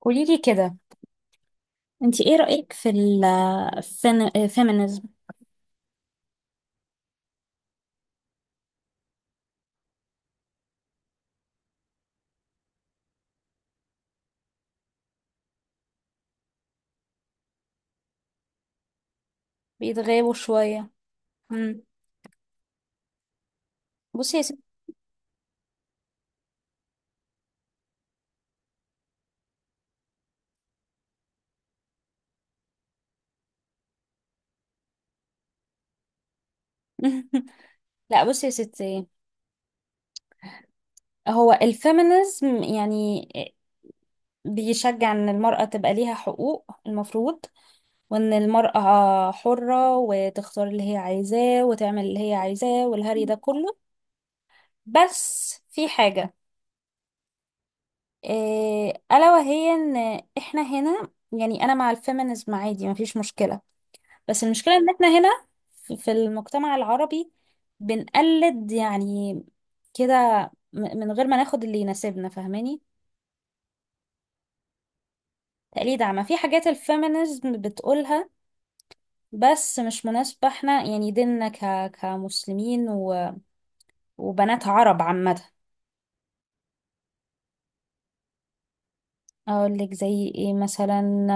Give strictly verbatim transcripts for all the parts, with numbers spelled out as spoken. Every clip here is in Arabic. قوليلي كده، انت ايه رأيك في ال feminism؟ بيتغابوا شوية. مم. بصي يا ستي. لا، بصي يا ستي. هو الفيمينيزم يعني بيشجع ان المرأة تبقى ليها حقوق المفروض، وان المرأة حرة وتختار اللي هي عايزاه وتعمل اللي هي عايزاه والهري ده كله. بس في حاجة، إيه، ألا وهي ان احنا هنا. يعني انا مع الفيمينيزم عادي، مفيش مشكلة. بس المشكلة ان احنا هنا في في المجتمع العربي بنقلد يعني كده، م- من غير ما ناخد اللي يناسبنا، فاهماني؟ تقليد، عما في حاجات الفيمينيزم بتقولها بس مش مناسبة. احنا يعني ديننا ك... كمسلمين و... وبنات عرب عامة. اقول لك زي ايه مثلا؟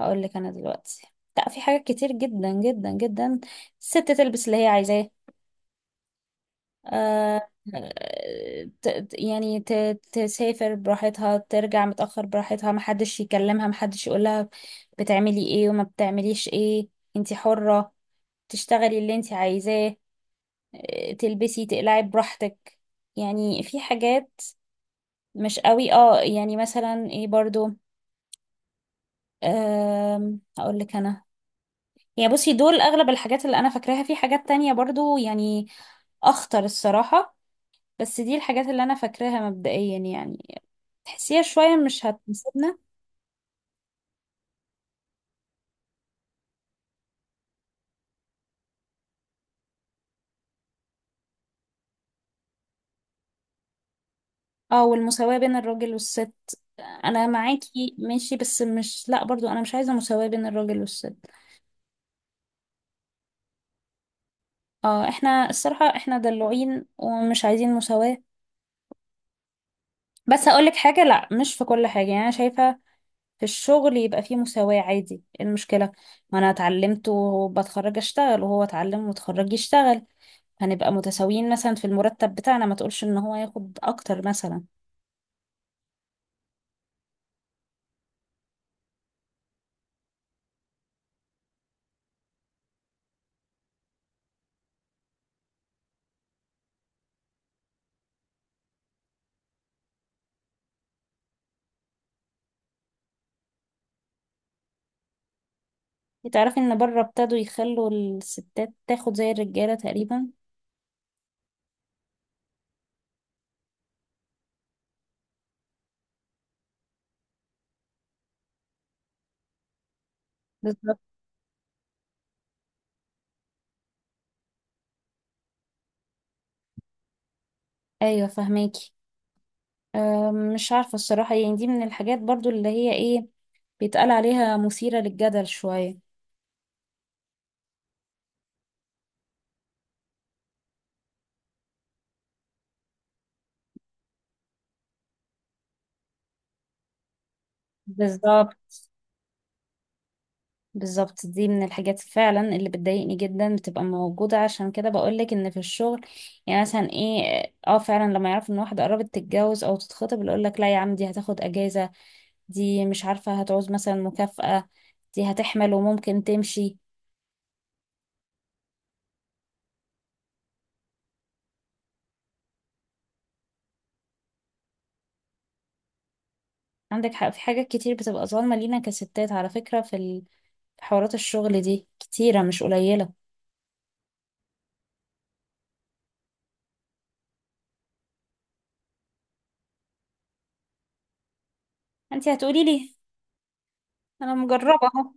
اقول لك انا دلوقتي. لا، في حاجات كتير جدا جدا جدا. الست تلبس اللي هي عايزاه. آه، آه، ت- ت- يعني ت- تسافر براحتها، ترجع متأخر براحتها، محدش يكلمها محدش يقولها بتعملي ايه وما بتعمليش ايه. انتي حرة تشتغلي اللي انتي عايزاه. آه، تلبسي تقلعي براحتك. يعني في حاجات مش قوي، اه يعني مثلا ايه برضو. أم هقول لك انا، يعني بصي دول اغلب الحاجات اللي انا فاكراها، في حاجات تانية برضو يعني اخطر الصراحة، بس دي الحاجات اللي انا فاكراها مبدئيا يعني. تحسيها شوية مش هتناسبنا. اه، والمساواة بين الراجل والست، انا معاكي ماشي، بس مش، لا برضو انا مش عايزة مساواة بين الراجل والست. اه، احنا الصراحة احنا دلوعين ومش عايزين مساواة. بس هقولك حاجة، لا مش في كل حاجة، يعني انا شايفة في الشغل يبقى فيه مساواة عادي، إيه المشكلة؟ ما انا اتعلمت وبتخرج اشتغل، وهو اتعلم وتخرج يشتغل، هنبقى متساويين مثلا في المرتب بتاعنا، ما تقولش ان هو ياخد اكتر مثلا. تعرفي ان بره ابتدوا يخلوا الستات تاخد زي الرجاله تقريبا. بالظبط. ايوه، فهماكي. أم، مش عارفه الصراحه، يعني دي من الحاجات برضو اللي هي ايه، بيتقال عليها مثيره للجدل شويه. بالظبط، بالظبط، دي من الحاجات فعلا اللي بتضايقني جدا بتبقى موجوده، عشان كده بقولك ان في الشغل، يعني مثلا ايه. اه فعلا، لما يعرف ان واحده قربت تتجوز او تتخطب، اللي يقولك لا يا عم دي هتاخد اجازه، دي مش عارفه هتعوز مثلا مكافاه، دي هتحمل وممكن تمشي. عندك حق، في حاجات كتير بتبقى ظالمة لينا كستات على فكرة، في ال- في حوارات الشغل دي كتيرة مش قليلة. انت هتقولي لي، انا مجربة اهو.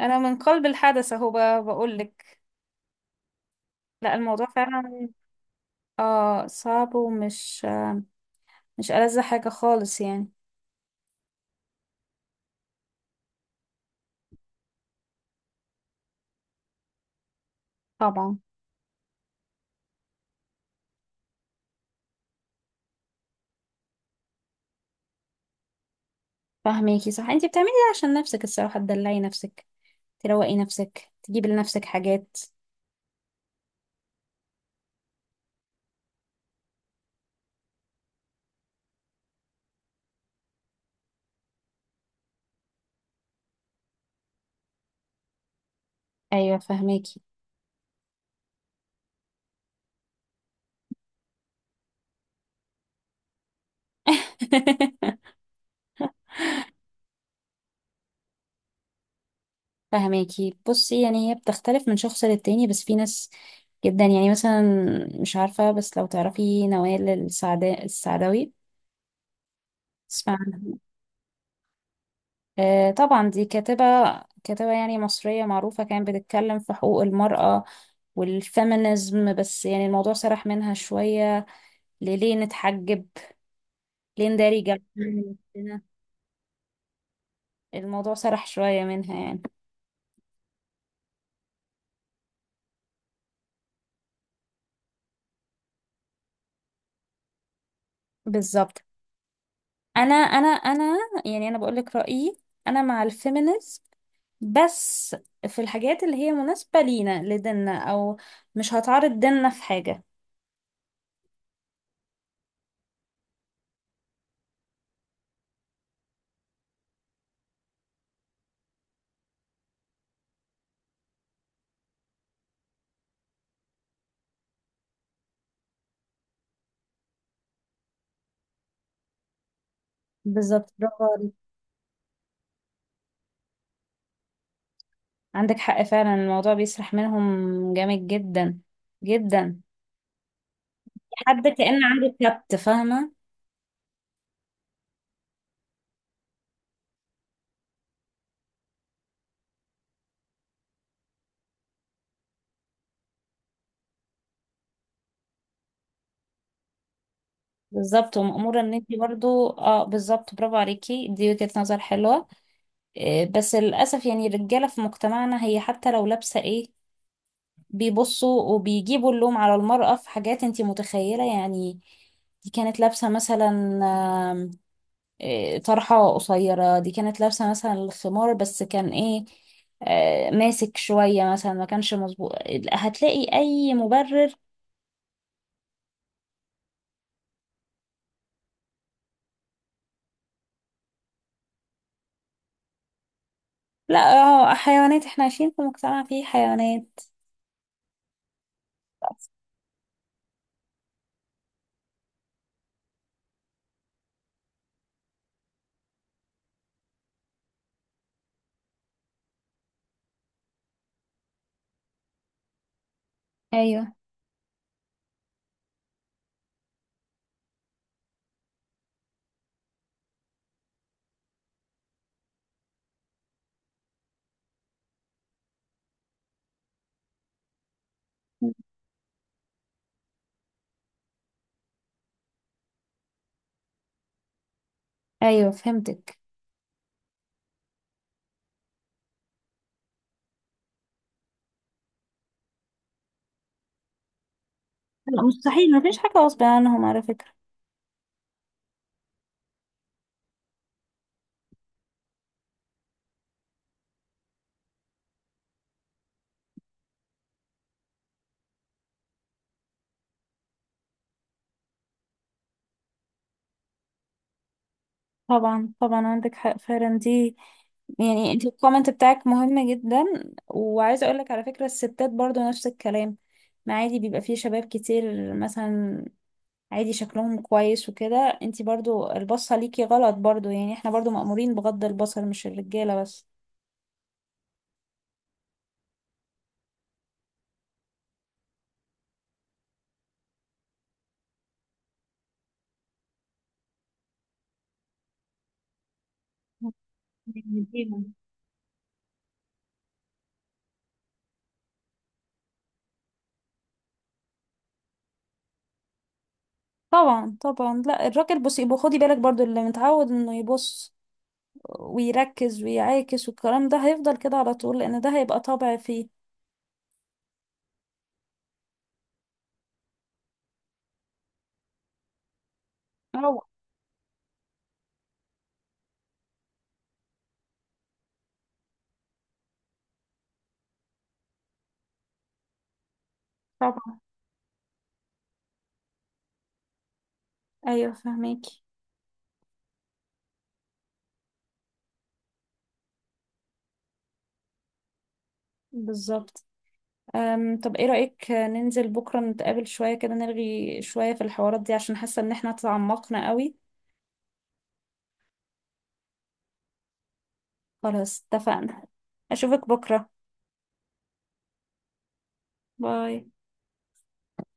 انا من قلب الحدث اهو، بقول لك. لا الموضوع فعلا، اه صعب، ومش مش ألذ حاجة خالص يعني. طبعا. فاهميكي صح، انت بتعملي ده عشان نفسك الصراحة، تدلعي نفسك، تروقي نفسك، تجيبي لنفسك حاجات. ايوه فاهماكي. فهماكي. بصي يعني هي بتختلف من شخص للتاني، بس في ناس جدا، يعني مثلا مش عارفة، بس لو تعرفي نوال السعدا السعداوي، تسمع عنها؟ آه طبعا، دي كاتبة، كاتبة يعني مصرية معروفة، كانت بتتكلم في حقوق المرأة والفيمينيزم، بس يعني الموضوع سرح منها شوية، لليه نتحجب، ليه نداري جلدنا. الموضوع سرح شوية منها يعني. بالظبط. انا انا انا، يعني انا بقول لك رأيي، انا مع الفيمينيزم، بس في الحاجات اللي هي مناسبة لينا لديننا، أو مش هتعرض ديننا في حاجة. بالظبط، برافو عليك. عندك حق فعلا، الموضوع بيسرح منهم جامد جدا جدا. حد كأن عنده كبت، فاهمة. بالظبط، ومأمورة ان انتي برضو، اه بالظبط، برافو عليكي، دي وجهة نظر حلوة. إيه، بس للأسف يعني الرجالة في مجتمعنا، هي حتى لو لابسة ايه بيبصوا وبيجيبوا اللوم على المرأة في حاجات انتي متخيلة يعني. دي كانت لابسة مثلا آه، طرحة قصيرة، دي كانت لابسة مثلا الخمار بس كان ايه، آه، ماسك شوية مثلا ما كانش مظبوط، هتلاقي أي مبرر. لا، اه حيوانات، احنا عايشين في مجتمع فيه حيوانات. أيوه. أيوه فهمتك. لا مستحيل، مفيش حاجة غصب عنهم على فكرة. طبعا، طبعا، عندك حق فعلا، دي يعني انت الكومنت بتاعك مهم جدا، وعايزه اقول لك على فكره، الستات برضو نفس الكلام، ما عادي بيبقى فيه شباب كتير مثلا عادي شكلهم كويس وكده، انتي برضو البصة ليكي غلط برضو، يعني احنا برضو مأمورين بغض البصر، مش الرجالة بس. بيديهم. طبعا، طبعا، لا الراجل بصي يبقى خدي بالك برضو، اللي متعود انه يبص ويركز ويعاكس والكلام ده هيفضل كده على طول، لان ده هيبقى طبع فيه. اه طبعا. ايوه فهميكي. بالظبط. أم طب ايه رأيك ننزل بكرة نتقابل شوية كده، نلغي شوية في الحوارات دي، عشان حاسة ان احنا تعمقنا قوي. خلاص اتفقنا، اشوفك بكرة. باي.